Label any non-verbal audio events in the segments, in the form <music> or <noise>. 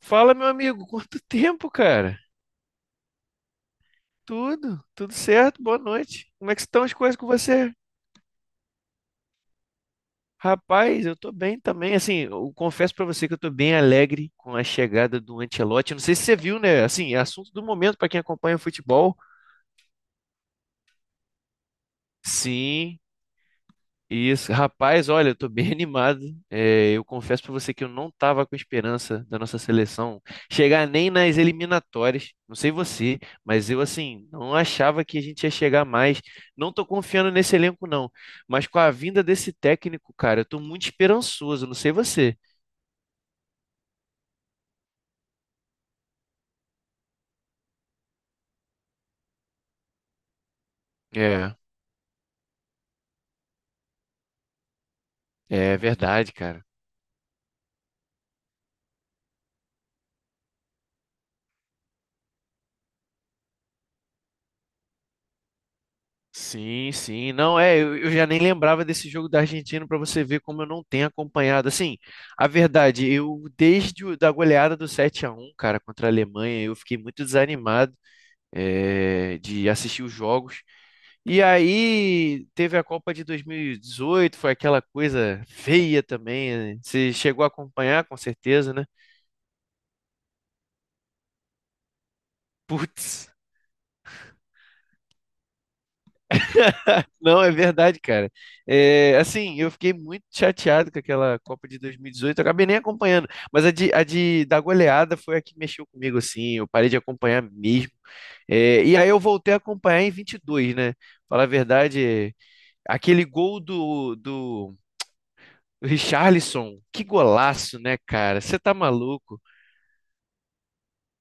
Fala, meu amigo, quanto tempo, cara? Tudo certo, boa noite. Como é que estão as coisas com você? Rapaz, eu tô bem também. Assim, eu confesso pra você que eu tô bem alegre com a chegada do Ancelotti. Eu não sei se você viu, né? Assim, é assunto do momento pra quem acompanha futebol. Sim. Isso, rapaz, olha, eu tô bem <laughs> animado. É, eu confesso pra você que eu não tava com esperança da nossa seleção chegar nem nas eliminatórias. Não sei você, mas eu, assim, não achava que a gente ia chegar mais. Não tô confiando nesse elenco, não, mas com a vinda desse técnico, cara, eu tô muito esperançoso, não sei você. É, é verdade, cara. Sim, sim. Não, é, eu já nem lembrava desse jogo da Argentina, para você ver como eu não tenho acompanhado. Assim, a verdade, eu desde o, da goleada do 7 a 1, cara, contra a Alemanha, eu fiquei muito desanimado, é, de assistir os jogos. E aí teve a Copa de 2018, foi aquela coisa feia também, né? Você chegou a acompanhar, com certeza, né? Putz. Não, é verdade, cara. É, assim, eu fiquei muito chateado com aquela Copa de 2018. Eu acabei nem acompanhando, mas a de da goleada foi a que mexeu comigo, assim. Eu parei de acompanhar mesmo. É, e aí eu voltei a acompanhar em 22, né? Falar a verdade, aquele gol do, do Richarlison, que golaço, né, cara? Você tá maluco?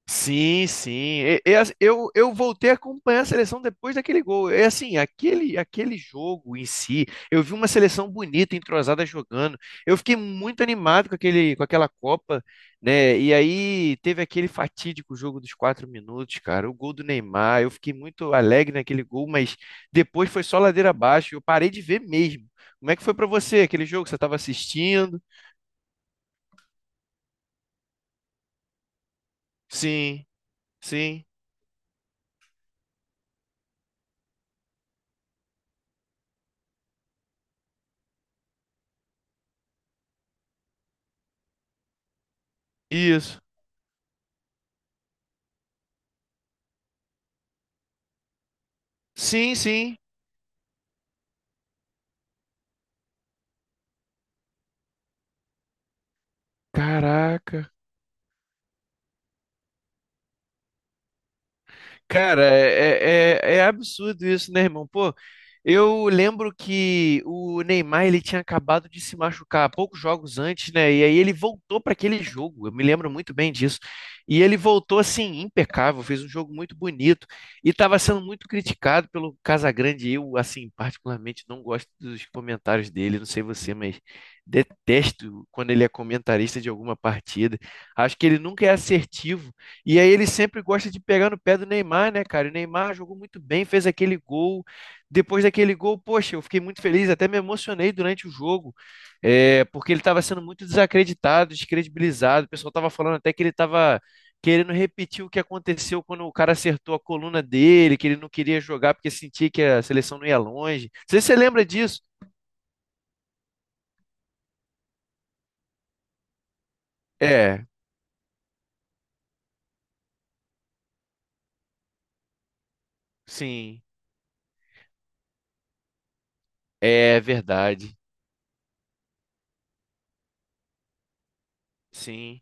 Sim, sim. Eu voltei a acompanhar a seleção depois daquele gol. É, assim, aquele jogo em si, eu vi uma seleção bonita, entrosada, jogando. Eu fiquei muito animado com aquele, com aquela Copa, né? E aí teve aquele fatídico jogo dos 4 minutos, cara. O gol do Neymar. Eu fiquei muito alegre naquele gol, mas depois foi só ladeira abaixo. Eu parei de ver mesmo. Como é que foi pra você aquele jogo? Que você estava assistindo? Sim, sim. Isso. Sim, sim. Caraca. Cara, é, é, é absurdo isso, né, irmão? Pô, eu lembro que o Neymar, ele tinha acabado de se machucar poucos jogos antes, né? E aí ele voltou para aquele jogo. Eu me lembro muito bem disso. E ele voltou assim impecável, fez um jogo muito bonito e estava sendo muito criticado pelo Casagrande. Eu, assim, particularmente não gosto dos comentários dele. Não sei você, mas detesto quando ele é comentarista de alguma partida. Acho que ele nunca é assertivo e aí ele sempre gosta de pegar no pé do Neymar, né, cara? E o Neymar jogou muito bem, fez aquele gol. Depois daquele gol, poxa, eu fiquei muito feliz, até me emocionei durante o jogo, é, porque ele estava sendo muito desacreditado, descredibilizado. O pessoal estava falando até que ele estava querendo repetir o que aconteceu quando o cara acertou a coluna dele, que ele não queria jogar porque sentia que a seleção não ia longe. Não sei se você lembra disso. É, sim, é verdade, sim.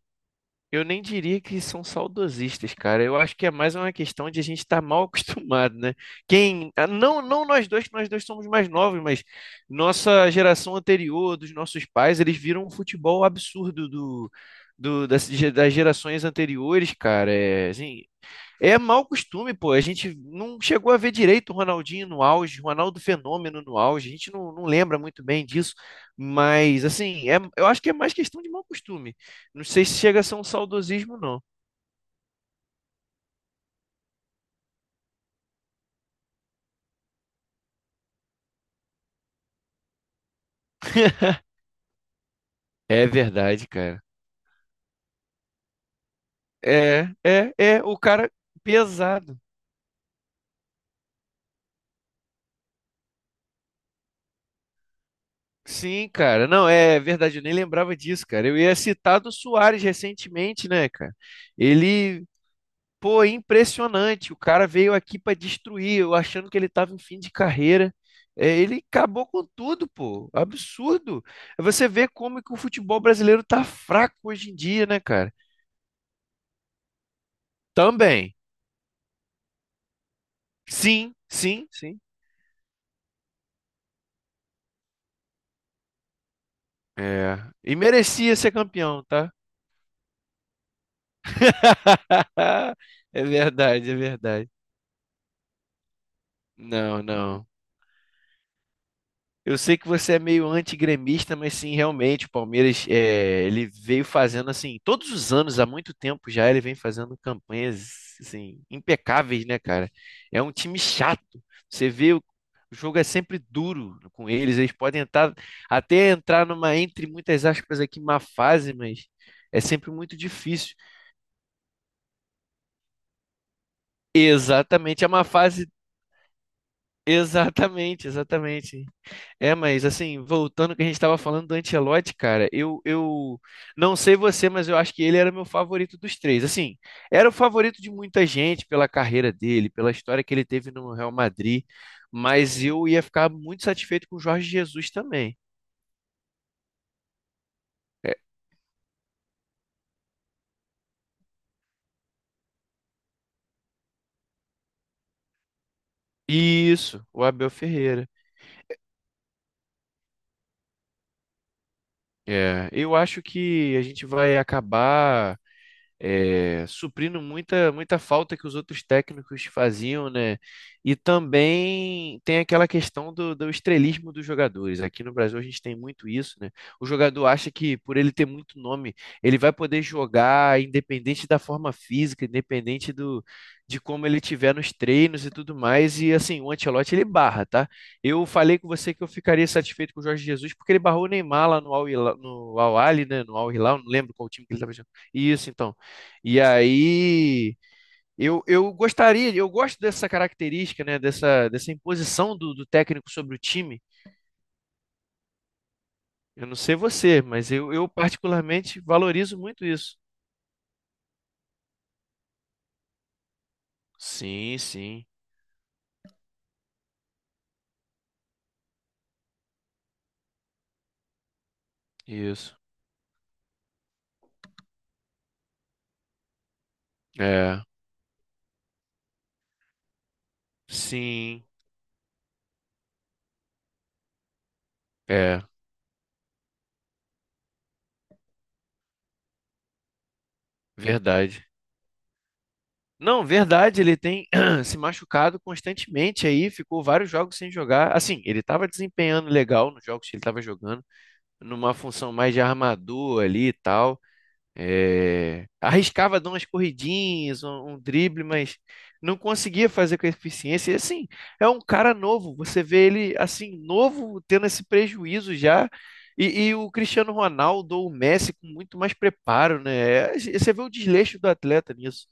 Eu nem diria que são saudosistas, cara. Eu acho que é mais uma questão de a gente estar mal <laughs> acostumado, né? Quem, ah, não, não, nós dois, que nós dois somos mais novos, mas nossa geração anterior, dos nossos pais, eles viram um futebol absurdo do, do das, das gerações anteriores, cara. É, assim, é mau costume, pô. A gente não chegou a ver direito o Ronaldinho no auge, o Ronaldo Fenômeno no auge. A gente não lembra muito bem disso. Mas, assim, é, eu acho que é mais questão de mau costume. Não sei se chega a ser um saudosismo, não. <laughs> É verdade, cara. É, é, é. O cara pesado. Sim, cara. Não, é verdade. Eu nem lembrava disso, cara. Eu ia citar do Suárez recentemente, né, cara? Ele pô, é impressionante. O cara veio aqui para destruir, eu achando que ele tava em fim de carreira. É, ele acabou com tudo, pô. Absurdo. Você vê como que o futebol brasileiro tá fraco hoje em dia, né, cara? Também. Sim, sim, sim. É. E merecia ser campeão, tá? <laughs> É verdade, é verdade. Não, não. Eu sei que você é meio antigremista, mas sim, realmente, o Palmeiras, é, ele veio fazendo assim, todos os anos, há muito tempo já, ele vem fazendo campanhas assim impecáveis, né, cara? É um time chato. Você vê, o jogo é sempre duro com eles, eles podem entrar, até entrar numa, entre muitas aspas aqui, má fase, mas é sempre muito difícil. Exatamente, é uma fase, <laughs> exatamente, exatamente. É, mas assim, voltando ao que a gente estava falando do Ancelotti, cara, eu não sei você, mas eu acho que ele era meu favorito dos três. Assim, era o favorito de muita gente pela carreira dele, pela história que ele teve no Real Madrid, mas eu ia ficar muito satisfeito com o Jorge Jesus também. É, isso, o Abel Ferreira. É, eu acho que a gente vai acabar, é, suprindo muita, muita falta que os outros técnicos faziam, né? E também tem aquela questão do, do estrelismo dos jogadores. Aqui no Brasil a gente tem muito isso, né? O jogador acha que por ele ter muito nome, ele vai poder jogar independente da forma física, independente do, de como ele tiver nos treinos e tudo mais. E assim, o Ancelotti, ele barra, tá? Eu falei com você que eu ficaria satisfeito com o Jorge Jesus porque ele barrou o Neymar lá no Al-Hilal, no Al-Ahly, né? No Al-Hilal, não lembro qual time que ele estava jogando. Isso, então. E aí eu gostaria, eu gosto dessa característica, né? Dessa, dessa imposição do, do técnico sobre o time. Eu não sei você, mas eu particularmente valorizo muito isso. Sim, sim, isso. É, sim, é, verdade. Não, verdade, ele tem <clears throat> se machucado constantemente aí, ficou vários jogos sem jogar. Assim, ele estava desempenhando legal nos jogos que ele estava jogando, numa função mais de armador ali e tal. É, arriscava dar umas corridinhas, um drible, mas não conseguia fazer com eficiência. E assim, é um cara novo. Você vê ele assim, novo, tendo esse prejuízo já. E o Cristiano Ronaldo ou o Messi com muito mais preparo, né? É, você vê o desleixo do atleta nisso.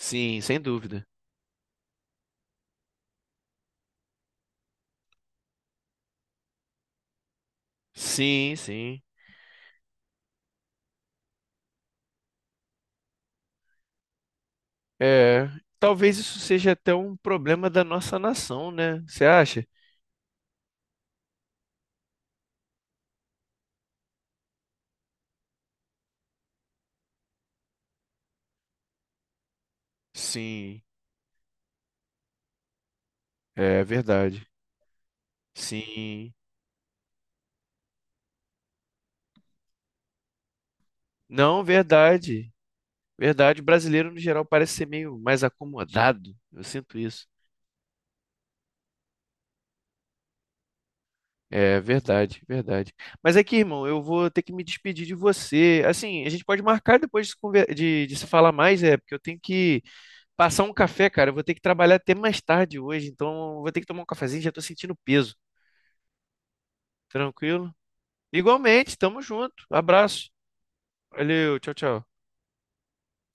Sim, sem dúvida. Sim, sim. É, talvez isso seja até um problema da nossa nação, né? Você acha? Sim, é verdade. Sim. Não, verdade. Verdade, brasileiro no geral parece ser meio mais acomodado. Eu sinto isso. É verdade, verdade. Mas é que, irmão, eu vou ter que me despedir de você. Assim, a gente pode marcar depois de, de se falar mais, é, porque eu tenho que passar um café, cara. Eu vou ter que trabalhar até mais tarde hoje, então eu vou ter que tomar um cafezinho, já tô sentindo peso. Tranquilo? Igualmente, tamo junto. Abraço. Valeu, tchau, tchau.